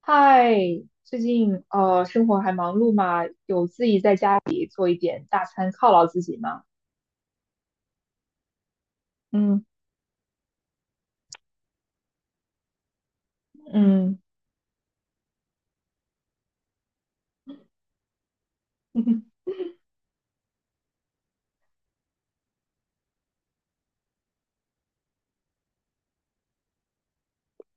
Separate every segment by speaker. Speaker 1: 嗨，最近生活还忙碌吗？有自己在家里做一点大餐犒劳自己吗？嗯嗯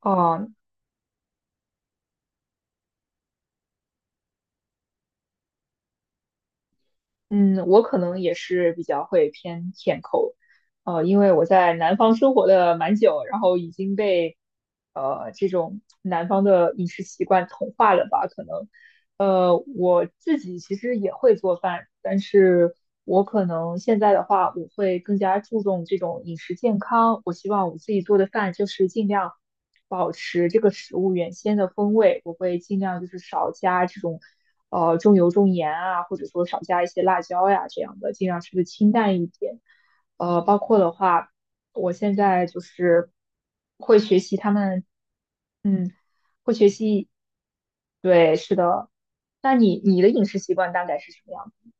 Speaker 1: 哦，嗯，我可能也是比较会偏甜口，因为我在南方生活的蛮久，然后已经被这种南方的饮食习惯同化了吧，可能，我自己其实也会做饭，但是我可能现在的话，我会更加注重这种饮食健康。我希望我自己做的饭就是尽量保持这个食物原先的风味，我会尽量就是少加这种重油重盐啊，或者说少加一些辣椒呀这样的，尽量吃的清淡一点。包括的话，我现在就是会学习他们，嗯，会学习。对。那你的饮食习惯大概是什么样的？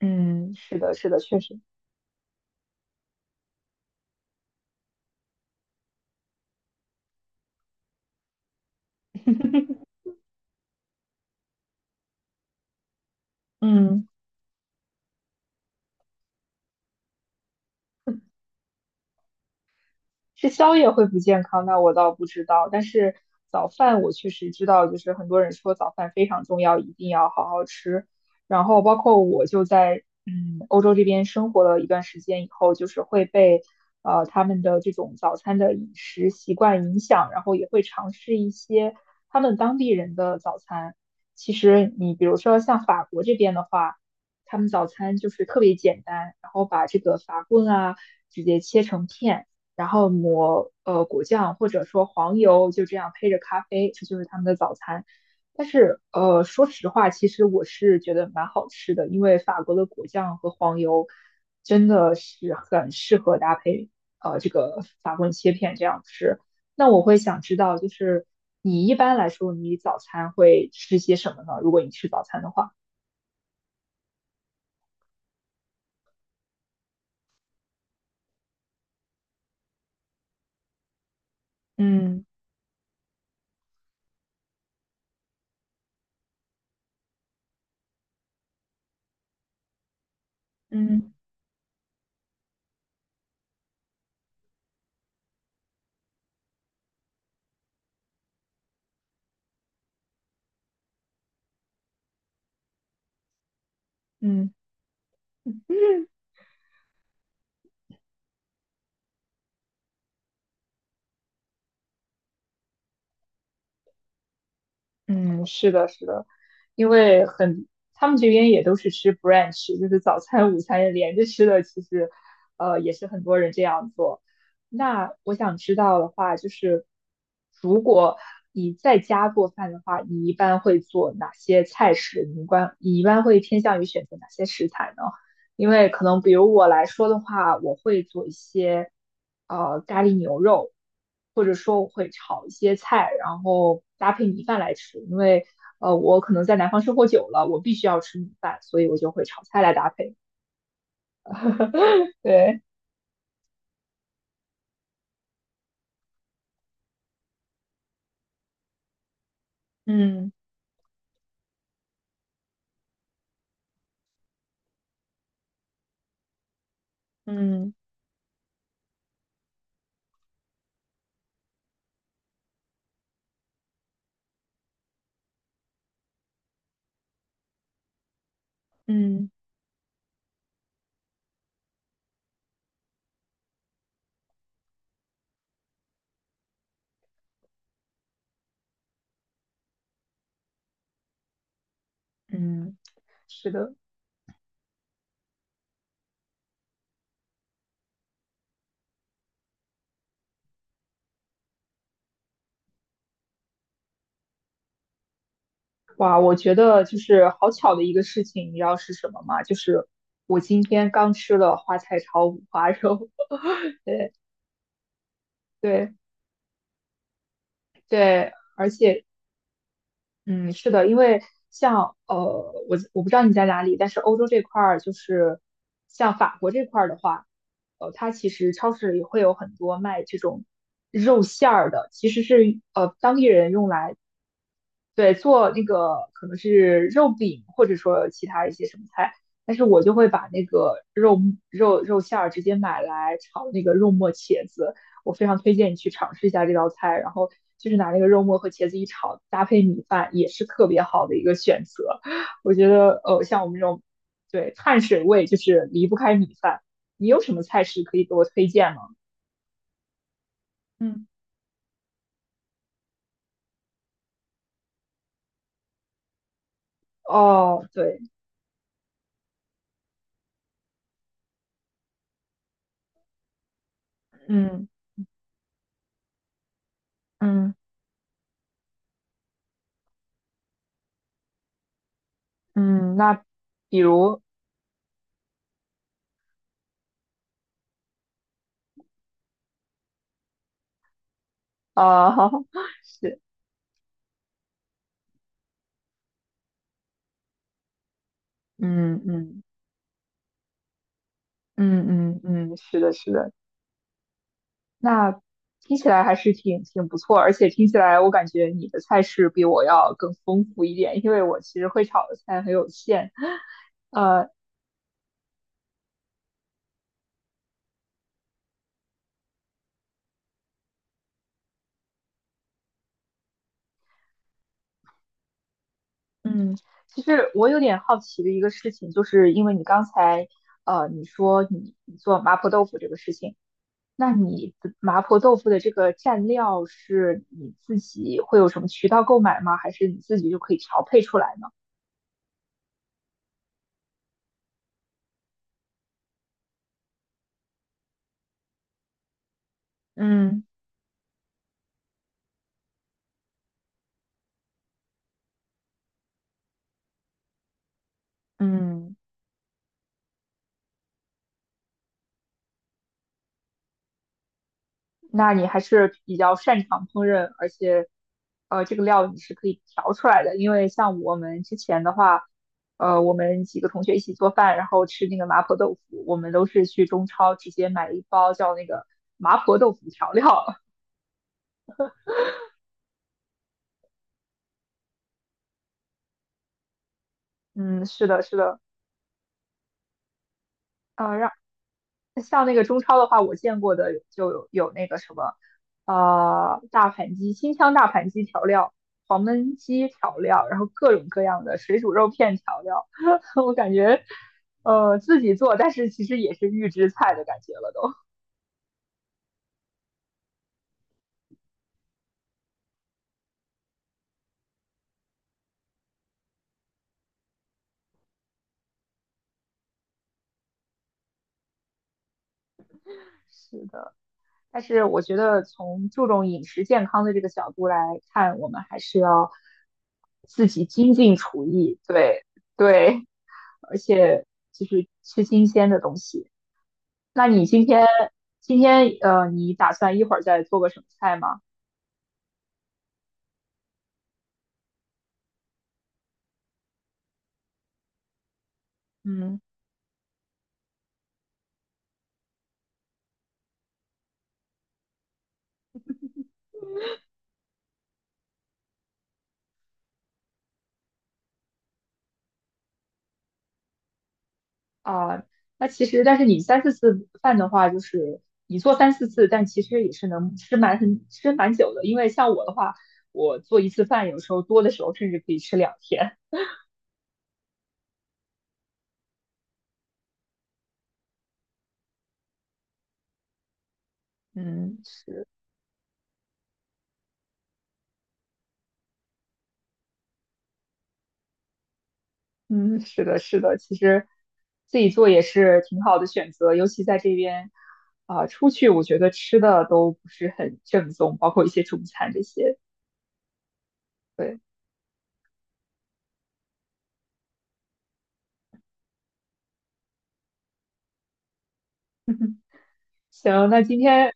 Speaker 1: 嗯，是的，是的，确实。嗯。吃宵夜会不健康，那我倒不知道。但是早饭我确实知道，就是很多人说早饭非常重要，一定要好好吃。然后包括我就在欧洲这边生活了一段时间以后，就是会被他们的这种早餐的饮食习惯影响，然后也会尝试一些他们当地人的早餐。其实你比如说像法国这边的话，他们早餐就是特别简单，然后把这个法棍啊直接切成片。然后抹果酱或者说黄油，就这样配着咖啡，这就是他们的早餐。但是说实话，其实我是觉得蛮好吃的，因为法国的果酱和黄油真的是很适合搭配这个法棍切片这样吃。那我会想知道，就是你一般来说，你早餐会吃些什么呢？如果你吃早餐的话，嗯嗯嗯。嗯，是的，是的，因为很，他们这边也都是吃 brunch，就是早餐、午餐连着吃的，其实，也是很多人这样做。那我想知道的话，就是如果你在家做饭的话，你一般会做哪些菜式？你一般会偏向于选择哪些食材呢？因为可能比如我来说的话，我会做一些咖喱牛肉，或者说我会炒一些菜，然后搭配米饭来吃。因为我可能在南方生活久了，我必须要吃米饭，所以我就会炒菜来搭配。对，嗯嗯嗯嗯，是的。哇，我觉得就是好巧的一个事情，你知道是什么吗？就是我今天刚吃了花菜炒五花肉。对对对，而且嗯，是的，因为像我不知道你在哪里，但是欧洲这块儿就是像法国这块儿的话，它其实超市里会有很多卖这种肉馅儿的，其实是当地人用来对，做那个可能是肉饼，或者说其他一些什么菜，但是我就会把那个肉馅儿直接买来炒那个肉末茄子，我非常推荐你去尝试一下这道菜，然后就是拿那个肉末和茄子一炒，搭配米饭也是特别好的一个选择。我觉得，像我们这种对碳水味就是离不开米饭，你有什么菜式可以给我推荐吗？嗯哦，对，嗯嗯嗯，那比如。啊，是，嗯嗯嗯嗯嗯，是的，是的，那听起来还是挺不错，而且听起来我感觉你的菜式比我要更丰富一点，因为我其实会炒的菜很有限。呃，嗯，其实我有点好奇的一个事情，就是因为你刚才你说你做麻婆豆腐这个事情，那你的麻婆豆腐的这个蘸料是你自己会有什么渠道购买吗？还是你自己就可以调配出来呢？嗯。嗯，那你还是比较擅长烹饪，而且，这个料你是可以调出来的。因为像我们之前的话，我们几个同学一起做饭，然后吃那个麻婆豆腐，我们都是去中超直接买一包叫那个麻婆豆腐调料。嗯，是的，是的，呃，像那个中超的话，我见过的就有那个什么，大盘鸡、新疆大盘鸡调料、黄焖鸡调料，然后各种各样的水煮肉片调料，我感觉，自己做，但是其实也是预制菜的感觉了都。是的，但是我觉得从注重饮食健康的这个角度来看，我们还是要自己精进厨艺，对对，而且就是吃新鲜的东西。那你今天你打算一会儿再做个什么菜吗？嗯啊，那其实但是你三四次饭的话，就是你做三四次，但其实也是能吃蛮很吃蛮久的。因为像我的话，我做一次饭，有时候多的时候甚至可以吃两天。嗯，是，嗯，是的，是的，其实自己做也是挺好的选择，尤其在这边啊，出去我觉得吃的都不是很正宗，包括一些中餐这些。对。行，那今天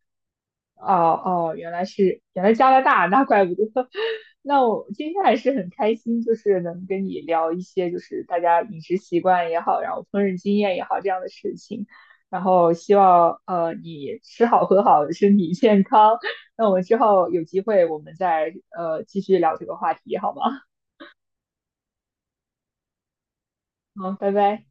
Speaker 1: 哦哦，原来加拿大，那怪不得。那我今天还是很开心，就是能跟你聊一些，就是大家饮食习惯也好，然后烹饪经验也好这样的事情。然后希望你吃好喝好，身体健康。那我们之后有机会我们再继续聊这个话题，好吗？好，拜拜。